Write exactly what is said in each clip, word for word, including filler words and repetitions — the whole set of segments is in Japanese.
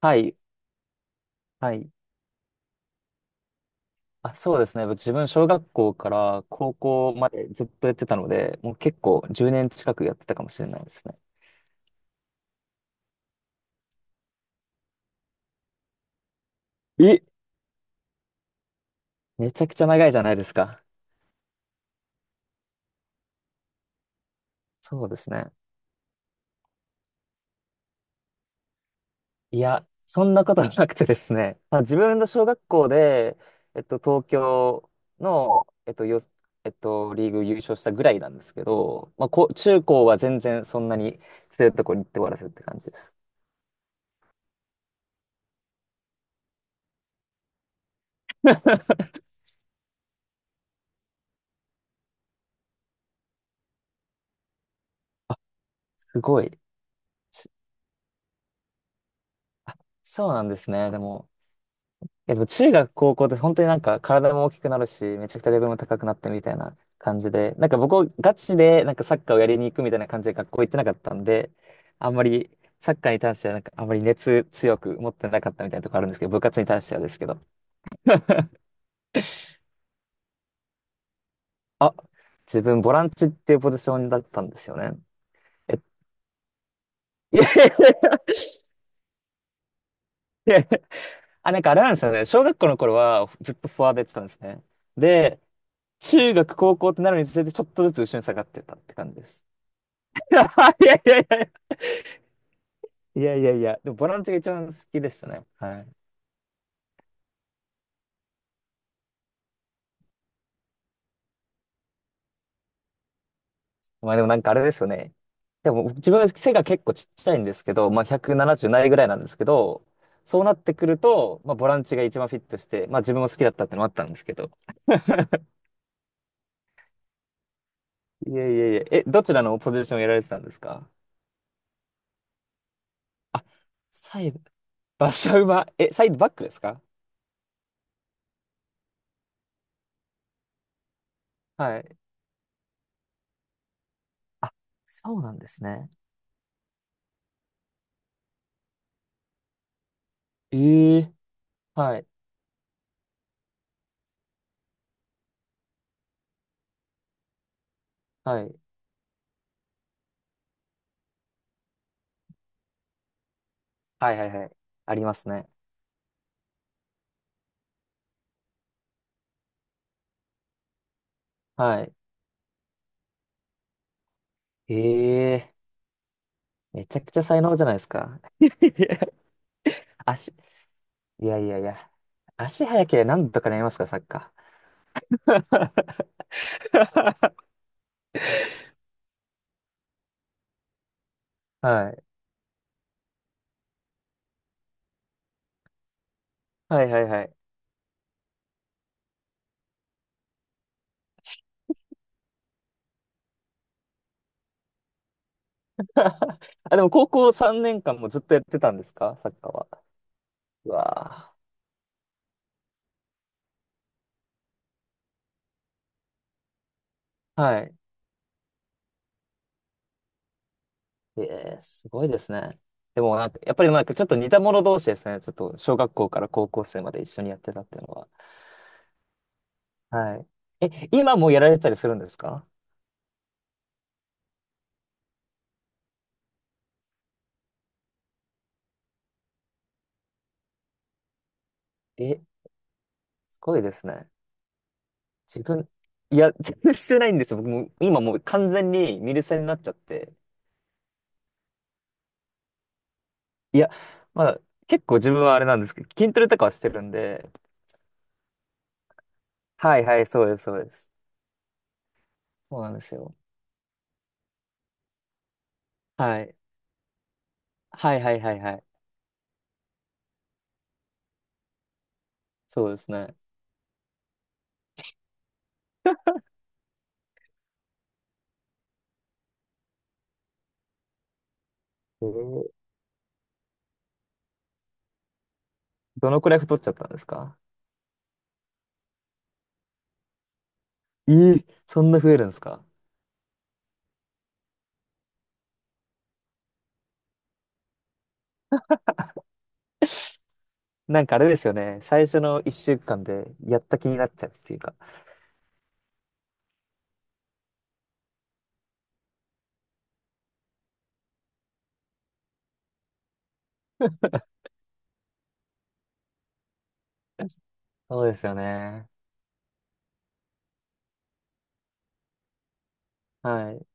はい、はい。あ、そうですね。自分、小学校から高校までずっとやってたので、もう結構じゅうねん近くやってたかもしれないですね。え、めちゃくちゃ長いじゃないですか。そうですね。いや、そんなことはなくてですね。まあ、自分の小学校で、えっと、東京の、えっと、よ、えっと、リーグ優勝したぐらいなんですけど、まあ、こう、中高は全然そんなに強いところに行って終わらせるって感じです。すごい。ちあ、そうなんですね。でも、や、でも中学、高校って本当になんか体も大きくなるし、めちゃくちゃレベルも高くなってみたいな感じで、なんか僕、ガチでなんかサッカーをやりに行くみたいな感じで学校行ってなかったんで、あんまりサッカーに対してはなんかあんまり熱強く持ってなかったみたいなとこあるんですけど、部活に対してはですけど、あ、自分ボランチっていうポジションだったんですよね。えいやいや いやいやいや。あ、なんかあれなんですよね。小学校の頃はずっとフォワードやってたんですね。で、中学、高校ってなるにつれてちょっとずつ後ろに下がってたって感じです。いやいやいやいやいやいやいや、でもボランチが一番好きでしたね。はい。まあでもなんかあれですよね。でも自分背が結構ちっちゃいんですけど、まあひゃくななじゅうななじゅうないぐらいなんですけど、そうなってくると、まあボランチが一番フィットして、まあ自分も好きだったってのもあったんですけど。いやいやいや、え、どちらのポジションをやられてたんですか？あ、サイド、馬車馬、え、サイドバックですか？はい。あ、そうなんですね。ええ、はい、はい、はいはいはい。ありますね。はい。ええ、めちゃくちゃ才能じゃないですか。いや、足、いやいやいや。足速ければ何とかなりますか、サッカー。はい。はいはいはい。あ、でも高校さんねんかんもずっとやってたんですか、サッカーは？うわー。はい。ええ、すごいですね。でもなんか、やっぱりなんかちょっと似た者同士ですね。ちょっと小学校から高校生まで一緒にやってたっていうのは。はい。え、今もやられてたりするんですか？え、すごいですね。自分、いや、全然してないんですよ。僕も、今もう完全にミルセになっちゃって。いや、まあ、結構自分はあれなんですけど、筋トレとかはしてるんで、はいはい、そうです、そうです。そうなんですよ。はい。はいはいはいはい。そうですね。えーどのくらい太っちゃったんですか？えーそんな増えるんですか？なんかあれですよね。最初の一週間でやった気になっちゃうっていうか。そうですよね。はい。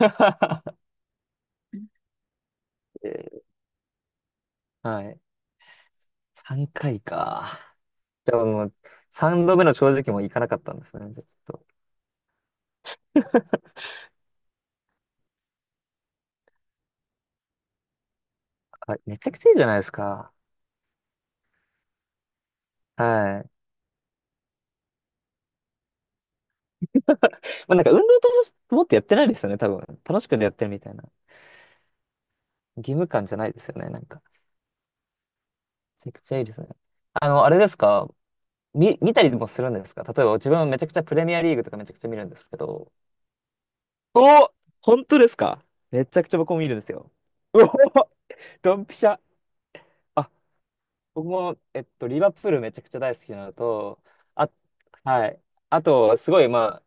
えーはい。さんかいかいか。じゃあもう、さんどめの正直もいかなかったんですね。じゃあちょっと。あ、めちゃくちゃいいじゃないですか。はい。まあなんか運動と思ってやってないですよね、多分。楽しくやってるみたいな。義務感じゃないですよね、なんか。めちゃくちゃいいですね。あの、あれですか？見見たりもするんですか？例えば自分はめちゃくちゃプレミアリーグとかめちゃくちゃ見るんですけど。お、本当ですか？めちゃくちゃ僕も見るんですよ。うお、ドンピシャ。あ、僕も、えっと、リバプールめちゃくちゃ大好きなのと、あ、はい。あと、すごい、ま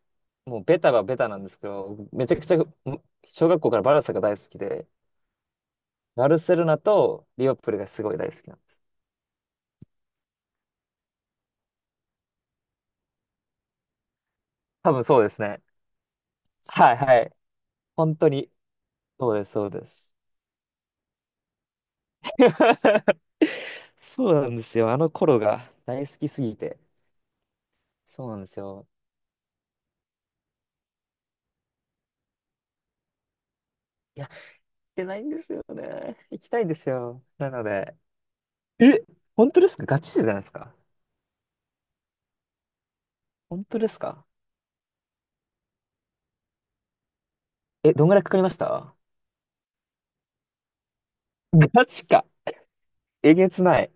あ、もうベタはベタなんですけど、めちゃくちゃ、ん小学校からバルサが大好きで、バルセロナとリバプールがすごい大好きなんです。多分そうですね。はいはい。本当に、そうです、そうです。そうなんですよ。あの頃が大好きすぎて。そうなんですよ。いや、行けないんですよね。行きたいんですよ。なので。え、本当ですか？ガチ勢じゃないですか？本当ですか？え、どんぐらいかかりました？ガチか。えげつない。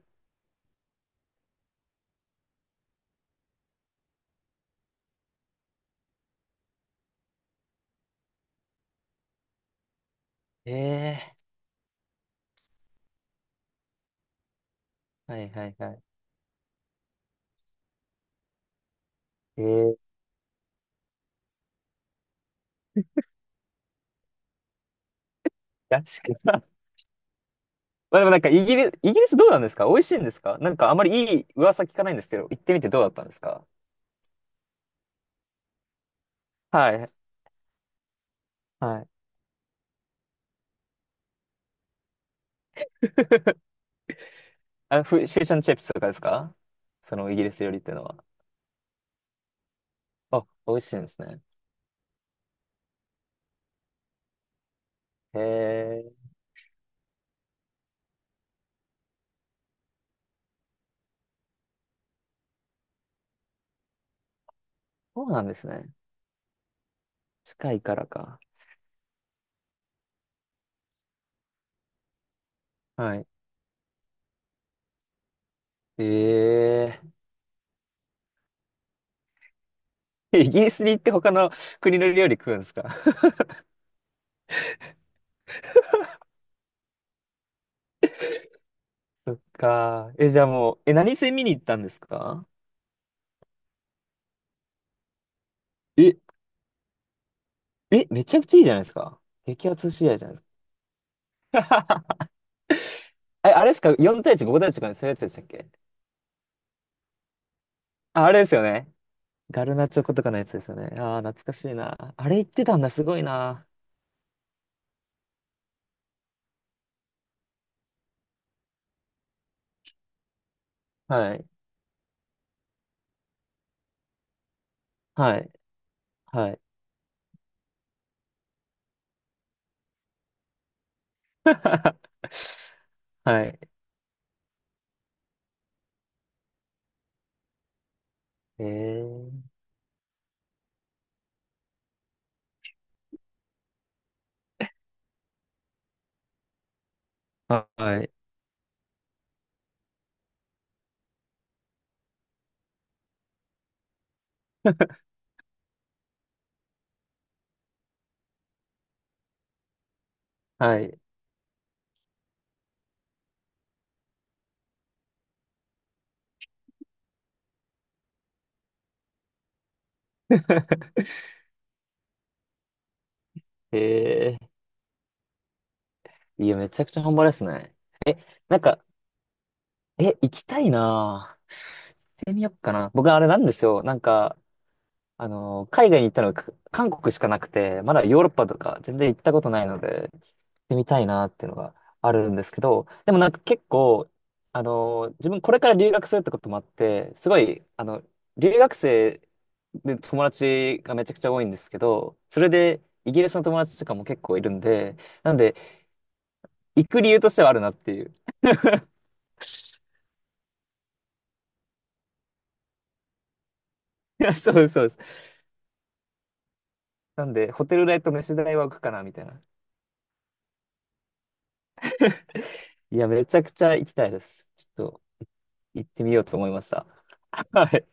ええー、はいはいはい。えー、ガチか。まあでもなんかイギリス、イギリスどうなんですか？美味しいんですか？なんかあまりいい噂聞かないんですけど、行ってみてどうだったんですか？はい、はい。あの、フィフィッシュンチップスとかですか？そのイギリス料理っていうのは。あ、美味しいんですね。へえ、そうなんですね。近いからか。はい。ええ、イギリスに行って他の国の料理食うんですか？そっか。え、じゃあもう、え、何戦見に行ったんですか？え、え、めちゃくちゃいいじゃないですか。激アツ試合じゃないですか。え、あれですか ?よん 対いち、ご対いちとかそういうやつでしたっけ？あ、あれですよね。ガルナチョコとかのやつですよね。ああ、懐かしいな。あれ言ってたんだ、すごいな。はい。はい。はい。はい。えー。はい。はい。えー。いや、めちゃくちゃ半端ですね。え、なんか、え、行きたいなぁ。行ってみよっかな。僕、あれなんですよ。なんか、あの、海外に行ったのはか韓国しかなくて、まだヨーロッパとか全然行ったことないので、行ってみたいなっていうのがあるんですけど、でもなんか結構、あの、自分これから留学するってこともあって、すごい、あの、留学生で友達がめちゃくちゃ多いんですけど、それでイギリスの友達とかも結構いるんで、なんで、行く理由としてはあるなっていう。いや、そうですそうです。なんで、ホテル代と飯代は浮くかな、みたいな。いや、めちゃくちゃ行きたいです。ちょっと。行ってみようと思いました。はい。